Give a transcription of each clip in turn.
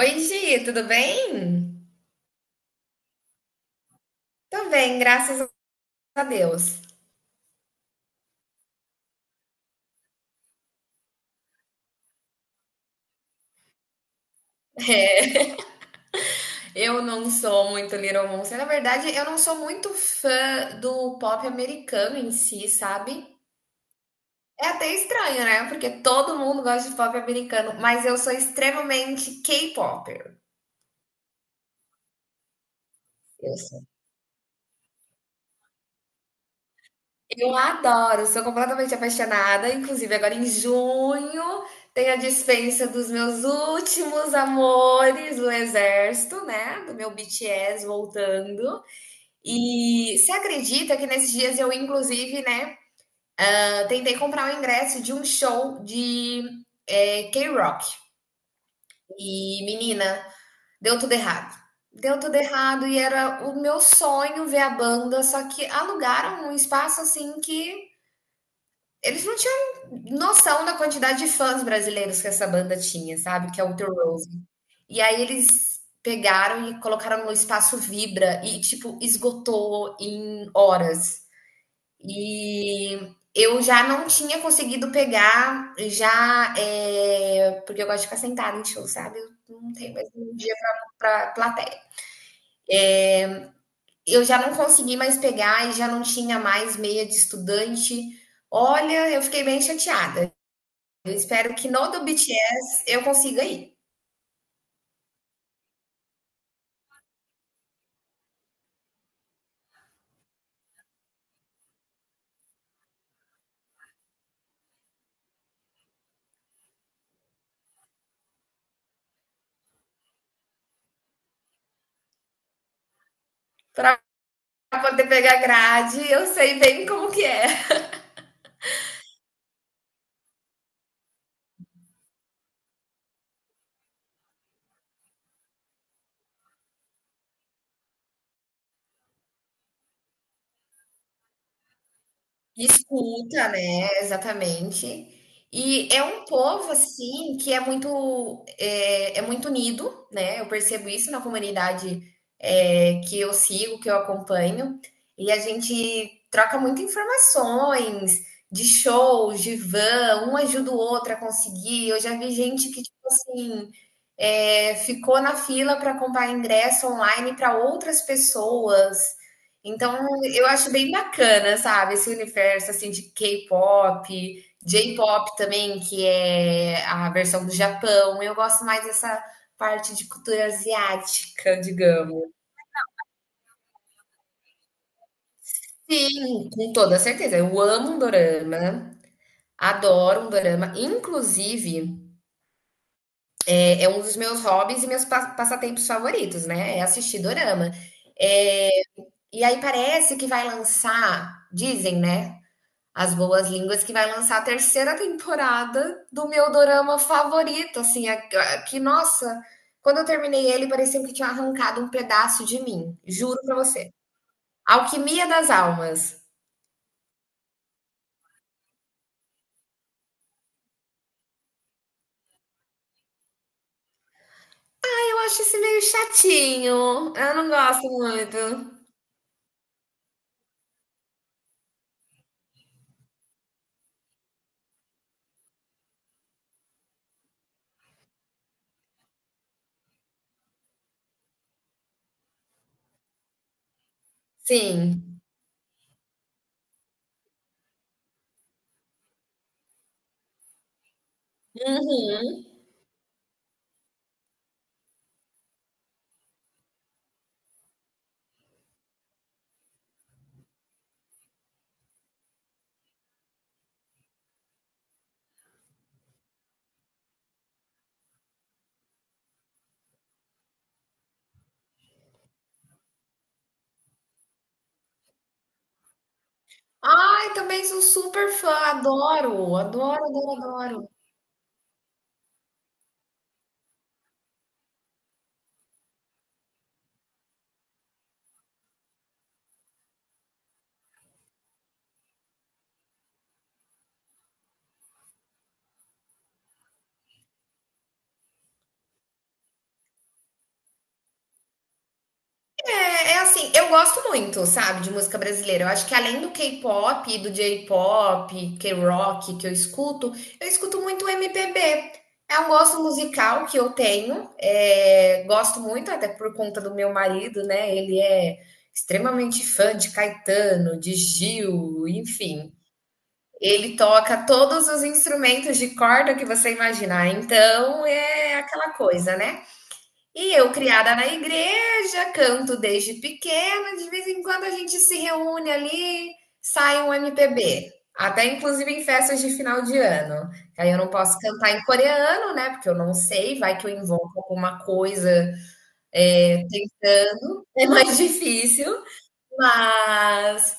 Oi, Gi, tudo bem? Tô bem, graças a Deus. É, eu não sou muito Little Monster. Na verdade, eu não sou muito fã do pop americano em si, sabe? É até estranho, né? Porque todo mundo gosta de pop americano, mas eu sou extremamente K-popper. Eu sou. Eu adoro, sou completamente apaixonada. Inclusive, agora em junho tem a dispensa dos meus últimos amores do exército, né? Do meu BTS voltando. E você acredita que nesses dias eu, inclusive, né, tentei comprar o ingresso de um show de K-Rock. E, menina, deu tudo errado. Deu tudo errado e era o meu sonho ver a banda, só que alugaram um espaço assim que eles não tinham noção da quantidade de fãs brasileiros que essa banda tinha, sabe? Que é o The Rose. E aí eles pegaram e colocaram no espaço Vibra e, tipo, esgotou em horas. E eu já não tinha conseguido pegar já, porque eu gosto de ficar sentada em show, sabe, eu não tenho mais um dia para plateia. Eu já não consegui mais pegar e já não tinha mais meia de estudante. Olha, eu fiquei bem chateada. Eu espero que no do BTS eu consiga ir, para poder pegar grade, eu sei bem como que é. Escuta, né? Exatamente. E é um povo assim que é muito é muito unido, né? Eu percebo isso na comunidade que eu sigo, que eu acompanho, e a gente troca muitas informações de shows, de van, um ajuda o outro a conseguir. Eu já vi gente que tipo assim ficou na fila para comprar ingresso online para outras pessoas. Então, eu acho bem bacana, sabe, esse universo, assim, de K-pop, J-pop também, que é a versão do Japão. Eu gosto mais dessa parte de cultura asiática, digamos. Sim, com toda certeza. Eu amo um dorama, adoro um dorama. Inclusive, é um dos meus hobbies e meus passatempos favoritos, né? É assistir dorama. É, e aí parece que vai lançar, dizem, né? As Boas Línguas, que vai lançar a terceira temporada do meu dorama favorito, assim, que, nossa, quando eu terminei ele, parecia que tinha arrancado um pedaço de mim, juro pra você. Alquimia das Almas. Eu acho esse meio chatinho, eu não gosto muito. Sim. Uhum. Ai, também sou super fã, adoro, adoro, adoro, adoro. É assim, eu gosto muito, sabe, de música brasileira. Eu acho que além do K-pop, do J-pop, K-rock que eu escuto muito MPB. É um gosto musical que eu tenho, gosto muito, até por conta do meu marido, né? Ele é extremamente fã de Caetano, de Gil, enfim. Ele toca todos os instrumentos de corda que você imaginar. Então é aquela coisa, né? E eu, criada na igreja, canto desde pequena, de vez em quando a gente se reúne ali, sai um MPB. Até inclusive em festas de final de ano. Aí eu não posso cantar em coreano, né? Porque eu não sei, vai que eu invoco alguma coisa, tentando, é mais difícil. Mas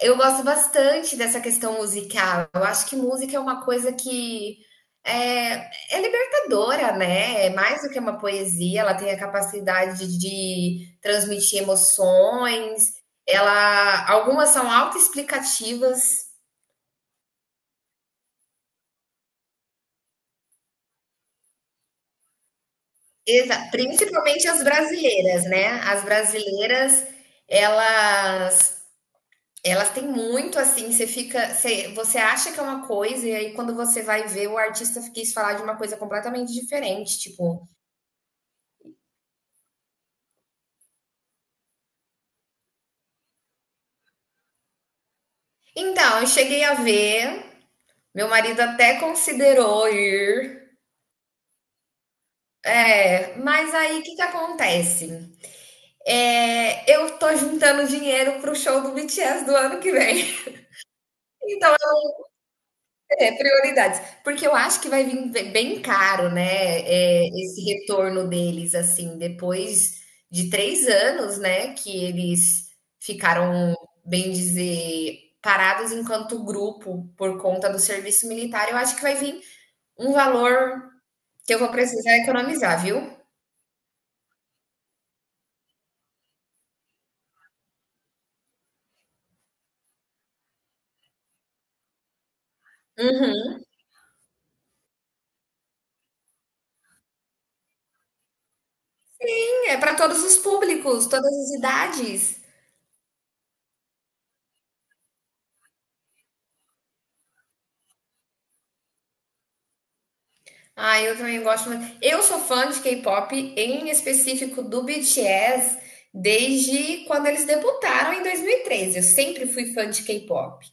eu gosto bastante dessa questão musical. Eu acho que música é uma coisa que é, é libertadora, né? É mais do que uma poesia, ela tem a capacidade de transmitir emoções. Ela, algumas são autoexplicativas, principalmente as brasileiras, né? As brasileiras, elas Elas têm muito assim, você fica, você, você acha que é uma coisa, e aí quando você vai ver, o artista quis falar de uma coisa completamente diferente. Tipo, então, eu cheguei a ver, meu marido até considerou ir. É, mas aí o que que acontece? É, eu tô juntando dinheiro pro show do BTS do ano que vem. Então, é, prioridades. Porque eu acho que vai vir bem caro, né? É, esse retorno deles, assim, depois de 3 anos, né? Que eles ficaram, bem dizer, parados enquanto grupo por conta do serviço militar. Eu acho que vai vir um valor que eu vou precisar economizar, viu? Uhum. É para todos os públicos, todas as idades. Ah, eu também gosto muito. Eu sou fã de K-pop, em específico do BTS, desde quando eles debutaram em 2013. Eu sempre fui fã de K-pop.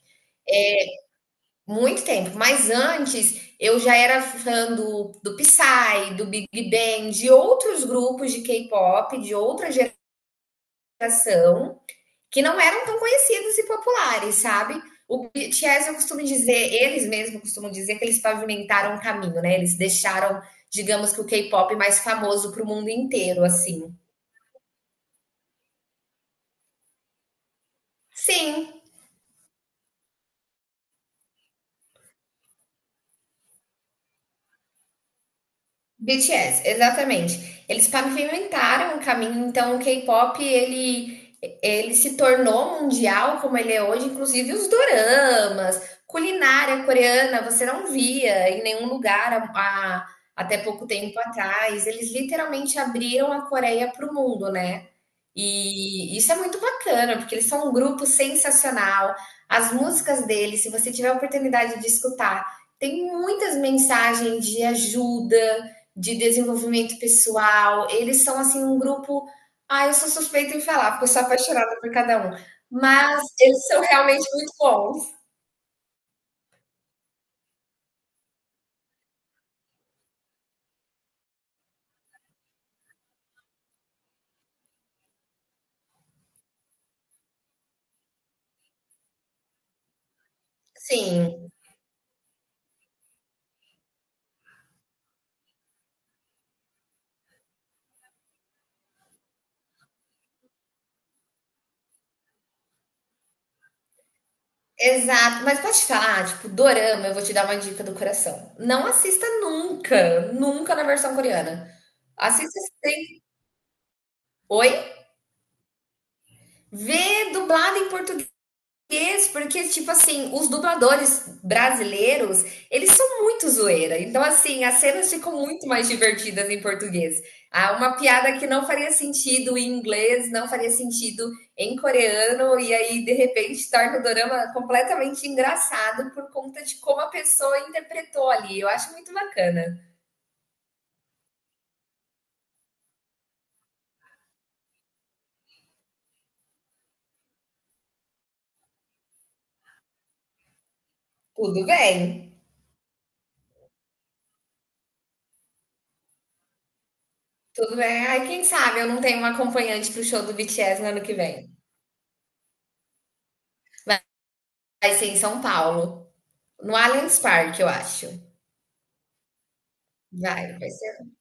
Muito tempo. Mas antes, eu já era fã do Psy, do Big Bang, de outros grupos de K-pop, de outra geração que não eram tão conhecidos e populares, sabe? O B T. BTS, eu costumo dizer, eles mesmos costumam dizer que eles pavimentaram o caminho, né? Eles deixaram, digamos que o K-pop mais famoso para o mundo inteiro, assim. Sim, BTS, exatamente. Eles pavimentaram o caminho, então o K-pop ele se tornou mundial como ele é hoje, inclusive os doramas, culinária coreana, você não via em nenhum lugar até pouco tempo atrás. Eles literalmente abriram a Coreia para o mundo, né? E isso é muito bacana, porque eles são um grupo sensacional. As músicas deles, se você tiver a oportunidade de escutar, tem muitas mensagens de ajuda, de desenvolvimento pessoal. Eles são assim um grupo. Ah, eu sou suspeita em falar, porque eu sou apaixonada por cada um. Mas eles são realmente muito bons. Sim, exato. Mas pode te falar, tipo, dorama, eu vou te dar uma dica do coração. Não assista nunca, nunca na versão coreana. Assista. Oi? Ver dublado em português, porque, tipo assim, os dubladores brasileiros, eles são muito zoeira. Então, assim, as cenas ficam muito mais divertidas em português. Ah, uma piada que não faria sentido em inglês, não faria sentido em coreano, e aí, de repente, torna o dorama completamente engraçado por conta de como a pessoa interpretou ali. Eu acho muito bacana. Tudo bem? Tudo bem. Ai, quem sabe eu não tenho uma acompanhante pro show do BTS no ano que vem. Vai ser em São Paulo. No Allianz Parque, eu acho. Vai, vai ser.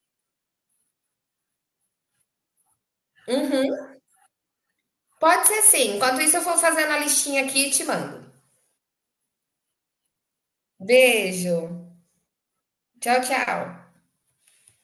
Uhum. Pode ser sim. Enquanto isso, eu vou fazendo a listinha aqui e te mando. Beijo. Tchau, tchau.